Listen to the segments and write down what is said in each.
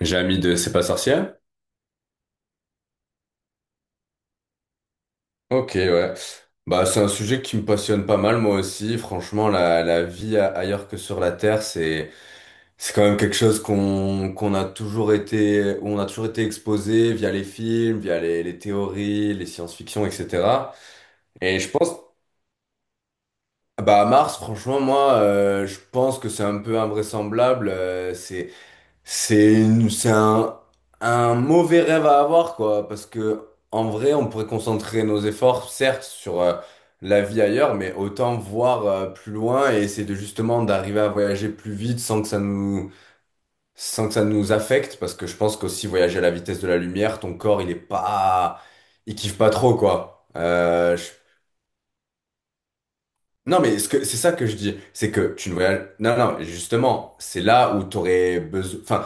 J'ai ami de C'est pas sorcière? Ok, ouais. Bah, c'est un sujet qui me passionne pas mal, moi aussi. Franchement, la vie ailleurs que sur la Terre, c'est quand même quelque chose qu'on a toujours été, où on a toujours été exposé via les films, via les théories, les science-fiction, etc. Et je pense, bah, à Mars, franchement, moi, je pense que c'est un peu invraisemblable. C'est une- c'est un mauvais rêve à avoir, quoi, parce que en vrai, on pourrait concentrer nos efforts, certes, sur la vie ailleurs, mais autant voir plus loin et essayer de justement d'arriver à voyager plus vite sans que ça sans que ça nous affecte, parce que je pense qu'aussi voyager à la vitesse de la lumière, ton corps, il kiffe pas trop, quoi. Non, mais c'est ça que je dis, c'est que tu ne voyages, non, non, justement, c'est là où t'aurais besoin, enfin,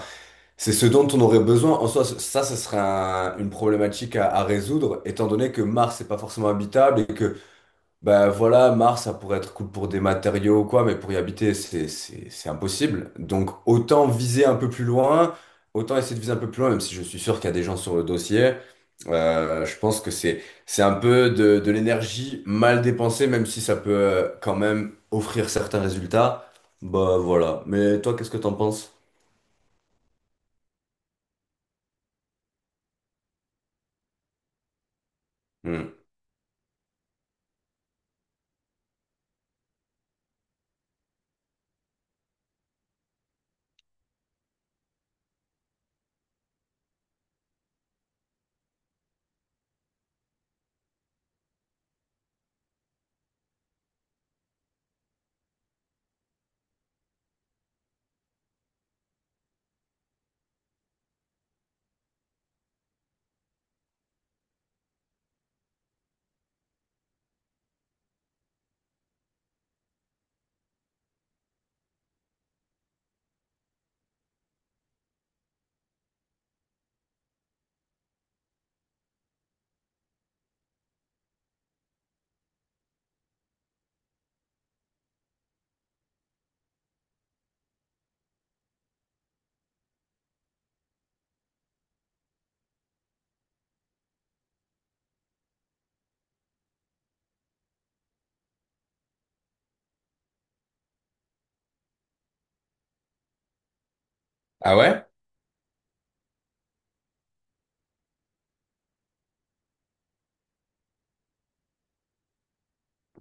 c'est ce dont on aurait besoin. En soi, ça, ce serait une problématique à résoudre, étant donné que Mars n'est pas forcément habitable et bah voilà, Mars, ça pourrait être cool pour des matériaux ou quoi, mais pour y habiter, c'est impossible. Donc, autant viser un peu plus loin, autant essayer de viser un peu plus loin, même si je suis sûr qu'il y a des gens sur le dossier. Je pense que c'est un peu de l'énergie mal dépensée, même si ça peut quand même offrir certains résultats. Bah voilà. Mais toi, qu'est-ce que t'en penses? Hmm. Ah ouais?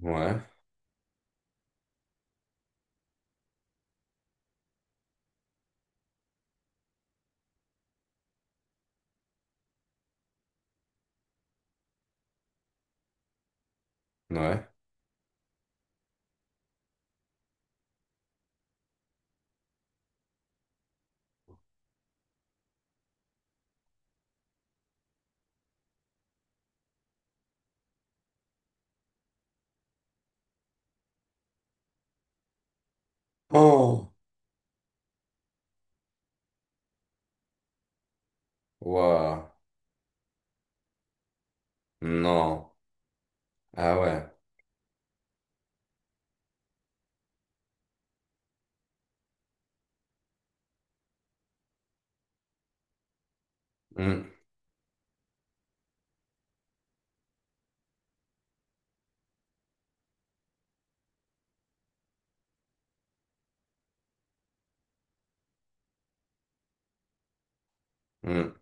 Ouais. Ouais. Oh! Waouh. Non. Ah ouais. Hmm, hmm.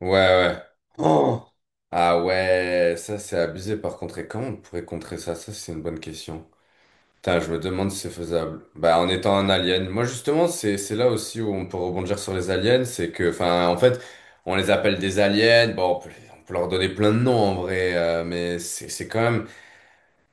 Ouais, ouais. Oh! Ah ouais, ça c'est abusé par contre. Et comment on pourrait contrer ça? Ça c'est une bonne question. Putain, je me demande si c'est faisable. Bah en étant un alien. Moi justement, c'est là aussi où on peut rebondir sur les aliens, c'est que, enfin, en fait, on les appelle des aliens. Bon, on peut leur donner plein de noms en vrai, mais c'est quand même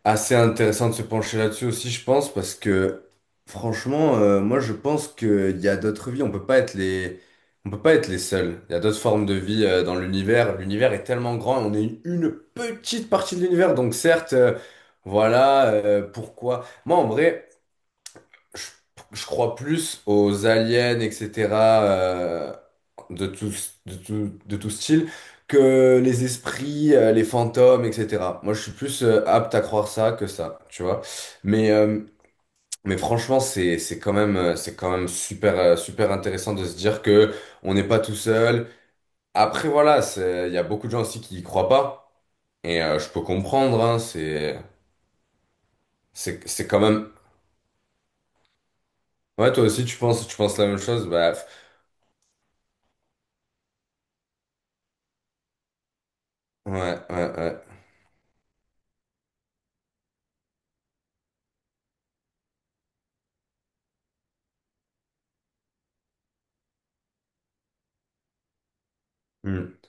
assez intéressant de se pencher là-dessus aussi, je pense, parce que franchement, moi je pense qu'il y a d'autres vies, on peut pas être les seuls. Il y a d'autres formes de vie dans l'univers. L'univers est tellement grand et on est une petite partie de l'univers, donc certes, voilà, pourquoi. Moi en vrai je, je crois plus aux aliens, etc. euh, de tout, de tout style que les esprits, les fantômes, etc. Moi, je suis plus apte à croire ça que ça, tu vois. Mais, euh, mais franchement, c'est quand même super, super intéressant de se dire que on n'est pas tout seul. Après, voilà, il y a beaucoup de gens aussi qui y croient pas. Et je peux comprendre, hein, c'est quand même. Ouais, toi aussi, tu penses la même chose. Bah, ouais. Mm,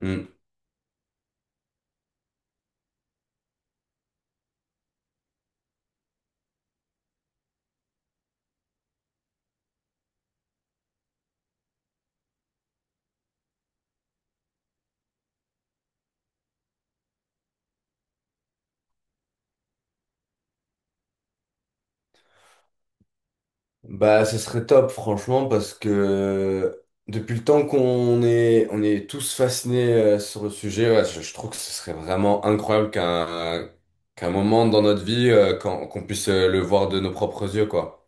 mm. Bah, ce serait top, franchement, parce que depuis le temps qu'on est, on est tous fascinés sur le sujet, ouais, je trouve que ce serait vraiment incroyable qu'un moment dans notre vie, qu'on puisse le voir de nos propres yeux, quoi.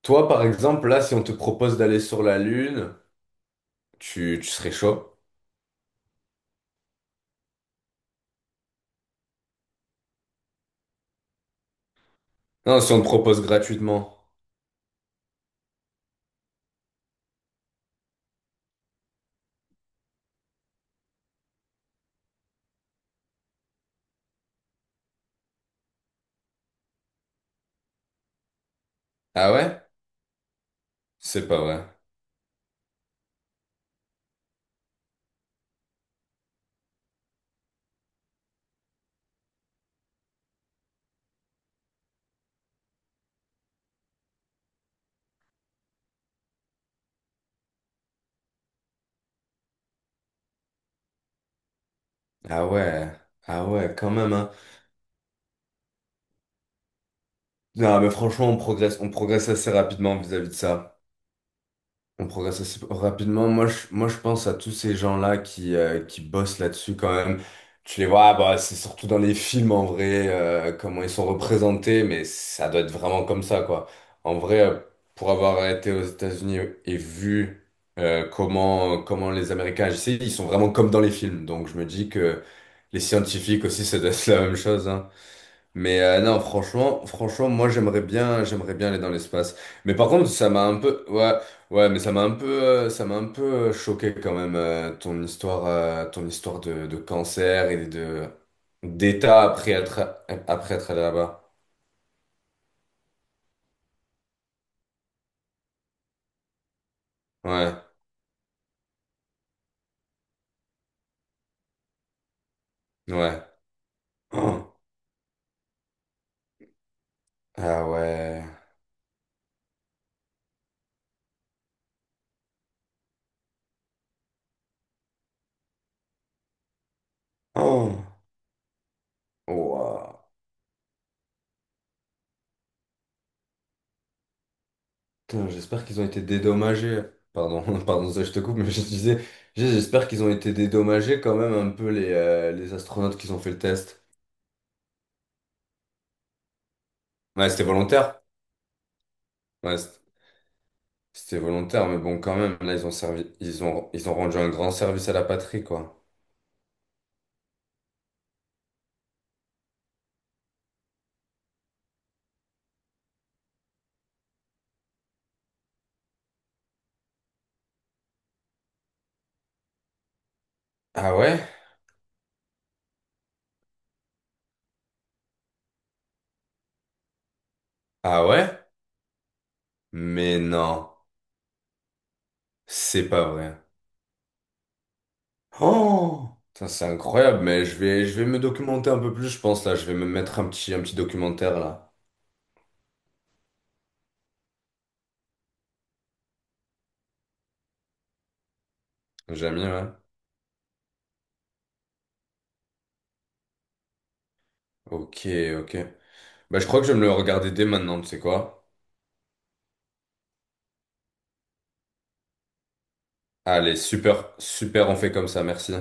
Toi, par exemple, là, si on te propose d'aller sur la Lune, tu serais chaud? Non, si on te propose gratuitement. Ah ouais? C'est pas vrai. Ah ouais. Ah ouais, quand même, hein. Non, mais franchement, on progresse assez rapidement vis-à-vis de ça. On progresse assez rapidement. Moi, je pense à tous ces gens-là qui bossent là-dessus quand même. Tu les vois, ah, bah, c'est surtout dans les films en vrai, comment ils sont représentés, mais ça doit être vraiment comme ça, quoi. En vrai, pour avoir été aux États-Unis et vu comment les Américains agissaient, ils sont vraiment comme dans les films. Donc, je me dis que les scientifiques aussi, ça doit être la même chose, hein. Mais non, franchement, moi j'aimerais bien aller dans l'espace. Mais par contre, ça m'a un peu, ouais, ouais, mais ça m'a un peu, ça m'a un peu choqué quand même ton histoire de cancer et de d'état après être allé là-bas. Ouais, ouais. Oh. Ah ouais. Oh. Ouah. Putain, j'espère qu'ils ont été dédommagés. Pardon, pardon, ça, je te coupe, mais je disais, j'espère qu'ils ont été dédommagés quand même un peu les astronautes qui ont fait le test. Ouais, c'était volontaire. Ouais, c- c'était volontaire, mais bon, quand même, là, ils ont servi, ils ont rendu un grand service à la patrie, quoi. Ah ouais? Ah ouais? Mais non, c'est pas vrai. Oh! Putain, c'est incroyable, mais je vais me documenter un peu plus, je pense, là. Je vais me mettre un petit documentaire, là. Jamais, ouais. Ok, ok. Bah, je crois que je vais me le regarder dès maintenant, tu sais quoi? Allez, super, super, on fait comme ça, merci.